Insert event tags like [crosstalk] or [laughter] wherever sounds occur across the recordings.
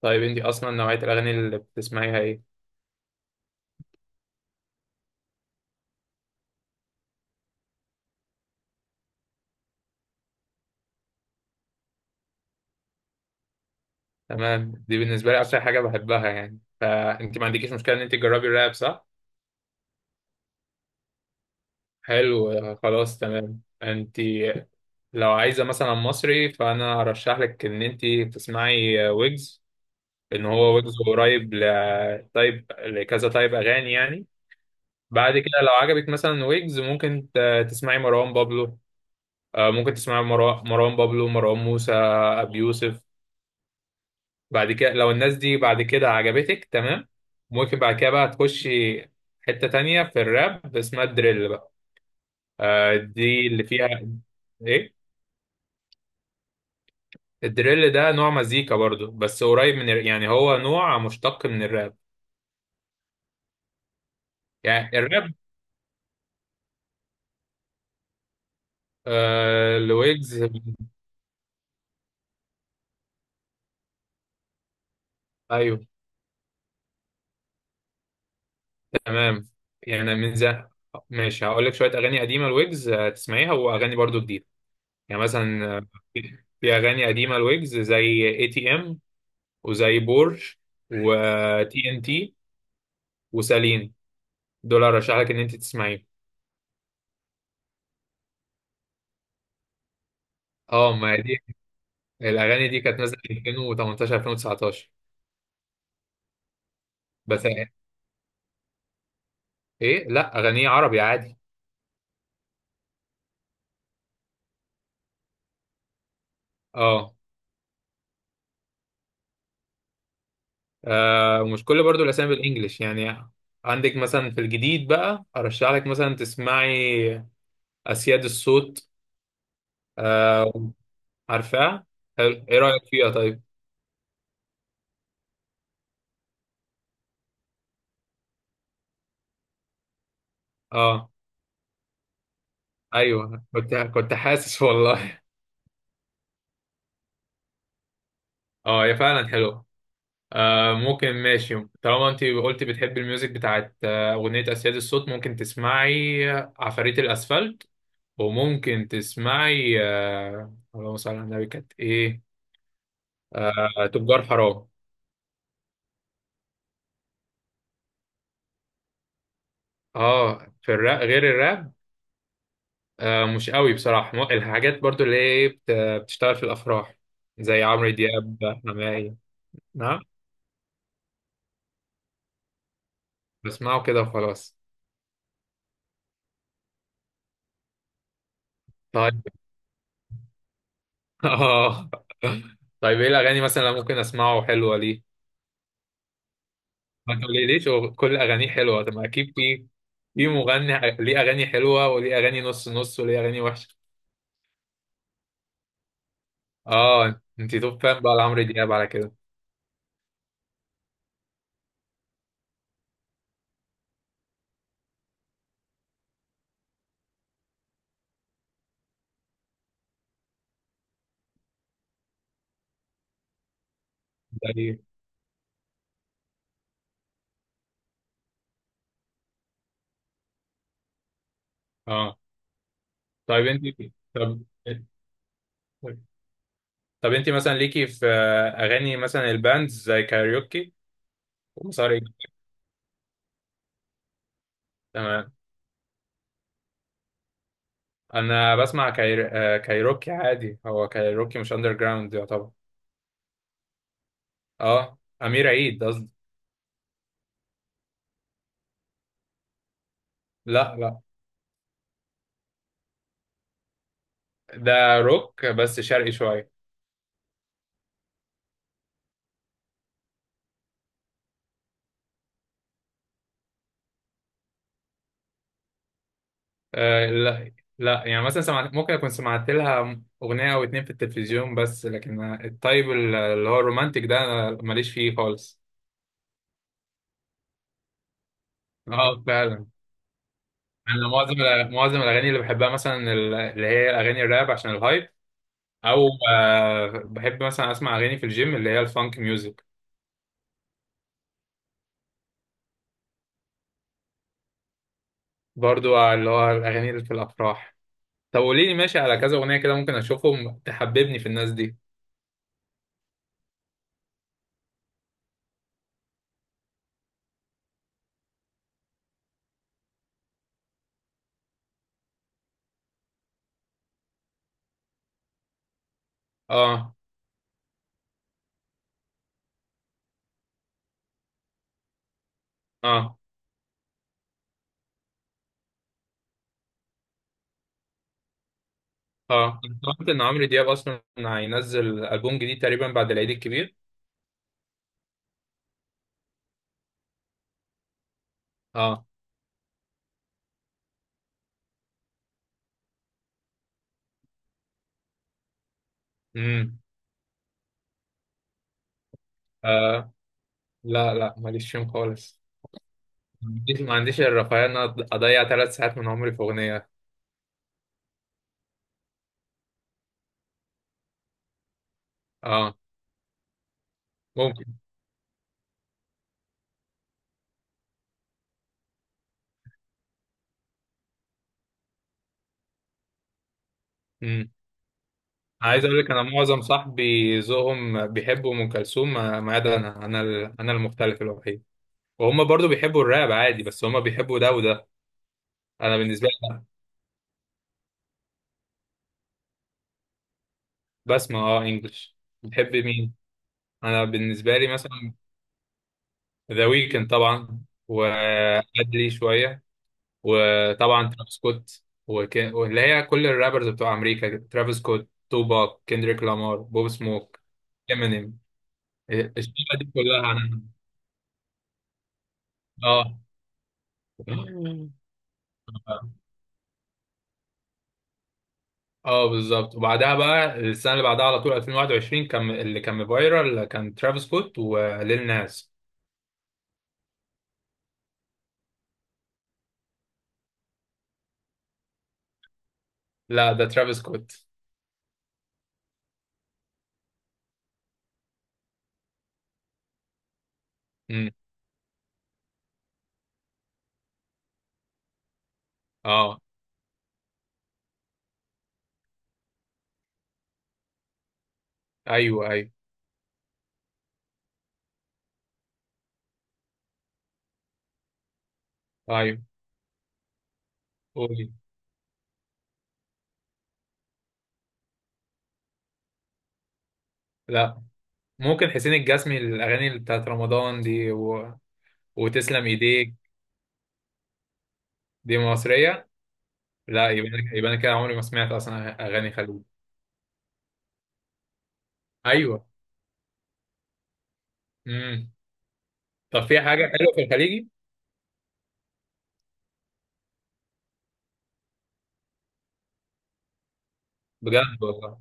طيب انت اصلا نوعية الاغاني اللي بتسمعيها ايه؟ تمام، دي بالنسبة لي اكتر حاجة بحبها يعني، فانت ما عندكيش مشكلة ان انت تجربي الراب صح؟ حلو. خلاص تمام. انت لو عايزة مثلا مصري فانا ارشح لك ان انت تسمعي ويجز. ان هو ويجز قريب طيب، لكذا طيب اغاني يعني. بعد كده لو عجبك مثلا ويجز ممكن تسمعي مروان بابلو. ممكن تسمعي مروان بابلو، مروان موسى، ابي يوسف. بعد كده لو الناس دي بعد كده عجبتك تمام، ممكن بعد كده بقى تخشي حتة تانية في الراب اسمها الدريل بقى. آه دي اللي فيها ايه. الدريل ده نوع مزيكا برضو بس قريب من يعني هو نوع مشتق من الراب. يعني الراب. آه الويجز. ايوه تمام. يعني من زمان، ماشي هقول لك شوية اغاني قديمة الويجز، تسمعيها، واغاني برضو جديدة. يعني مثلا في اغاني قديمة الويجز زي اي تي ام، وزي بور، وتي ان تي، وساليني. دول ارشح لك ان انت تسمعيهم. اه ما هي دي، الاغاني دي كانت نازله 2018 2019. بس ايه، لا اغانيه عربي عادي. اه. ومش كل برضو الاسامي بالانجلش يعني. عندك مثلا في الجديد بقى ارشح لك مثلا تسمعي اسياد الصوت. آه عارفاه. حلو، ايه رايك فيها طيب؟ اه ايوه، كنت حاسس والله. اه هي فعلا حلوه. آه ممكن ماشي، طالما انت قلتي بتحبي الميوزك بتاعت اغنية اسياد الصوت، ممكن تسمعي عفاريت الاسفلت، وممكن تسمعي آه اللهم صل على النبي كانت ايه، آه تجار حرام. اه في الراب. غير الراب آه مش قوي بصراحة. الحاجات برضو اللي هي إيه، بتشتغل في الافراح زي عمرو دياب، حماقي. نعم. بسمعه كده وخلاص. طيب. [laughs] اه. طيب ايه الاغاني مثلا اللي ممكن اسمعه حلوة ليه؟ ما تقوليليش هو كل اغانيه حلوه، طب ما اكيد في في مغني ليه اغاني حلوه وليه اغاني نص نص وليه اغاني وحشه. اه انت توب فان بقى لعمرو دياب على كده. زي. اه طيب انت، طب. طب انت مثلا ليكي في اغاني مثلا الباندز زي كايروكي ومسار إجرام؟ تمام. انا بسمع كايروكي عادي. هو كايروكي مش اندر جراوند يعتبر. اه امير عيد قصدي. لا لا، ده روك بس شرقي شويه. آه لا. لا يعني مثلا سمعت، ممكن اكون سمعت لها اغنيه او اتنين في التلفزيون، بس لكن الطيب اللي هو الرومانتك ده أنا ماليش فيه خالص. اه فعلا. انا معظم الاغاني اللي بحبها مثلا، اللي هي اغاني الراب عشان الهايب. او آه بحب مثلا اسمع اغاني في الجيم اللي هي الفانك ميوزك. برضو اللي هو الاغاني اللي في الافراح. طب قولي لي ماشي على كذا اغنيه كده ممكن اشوفهم تحببني في الناس دي. اه. اه. اه انا سمعت ان عمرو دياب اصلا هينزل البوم جديد تقريبا بعد العيد الكبير. اه. امم. آه. لا لا ماليش فيهم خالص. ما عنديش الرفاهيه ان أنا اضيع 3 ساعات من عمري في اغنيه. اه ممكن. امم. عايز اقول لك، انا معظم صاحبي ذوقهم بيحبوا ام كلثوم، ما عدا انا. انا المختلف الوحيد. وهم برضو بيحبوا الراب عادي بس هم بيحبوا ده وده. انا بالنسبه لي. بسمع اه انجلش. بتحب مين؟ انا بالنسبه لي مثلا ذا ويكند طبعا، وأدلي شوية، وطبعا ترافيس سكوت، واللي هي كل الرابرز بتوع أمريكا، ترافيس سكوت، توباك، كيندريك لامار، بوب سموك، امينيم. الشبكة دي كلها أنا. اه. اه بالظبط. وبعدها بقى السنة اللي بعدها على طول 2021 كان اللي كان فايرال كان ترافيس سكوت وليل ناس. لا ده ترافيس سكوت. امم. اه. ايوه ايوه. ايوه قولي. لا. ممكن حسين الجسمي الاغاني اللي بتاعت رمضان دي و... وتسلم ايديك. دي مصريه. لا يبقى انا، كده عمري ما سمعت اصلا اغاني خليجي. ايوه. امم. طب في حاجه حلوه في الخليجي؟ بجد والله.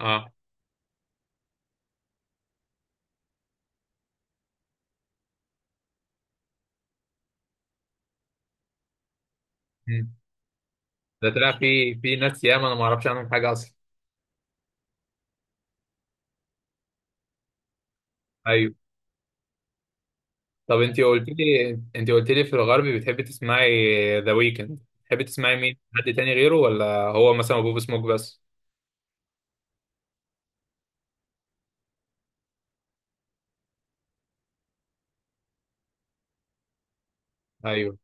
اه. مم. ده طلع في في ناس ياما انا ما اعرفش عنهم حاجه اصلا. ايوه. طب انت قلت لي، في الغربي بتحبي تسمعي ذا ويكند، بتحبي تسمعي مين حد تاني غيره ولا هو مثلا بوب سموك بس؟ ايوه.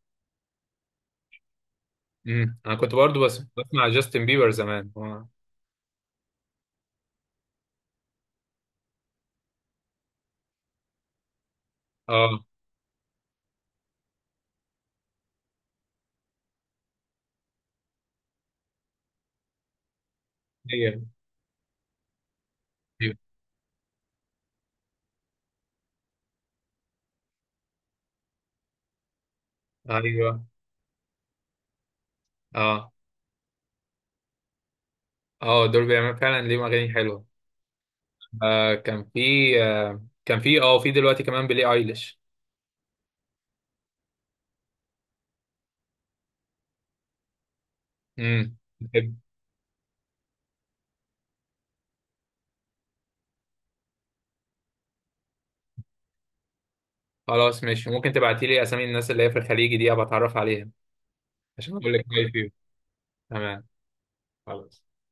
انا كنت برضو بس بسمع جاستن بيبر زمان اه. آه. ايوه ايوه. اه. اه دول بيعملوا فعلا ليهم اغاني حلوه. آه كان في آه كان في اه في دلوقتي كمان بيلي ايليش. بحب. خلاص ماشي، ممكن تبعتي لي اسامي الناس اللي هي في الخليج دي ابقى اتعرف عليها، عشان اقول لك رايي فيهم. تمام. خلاص.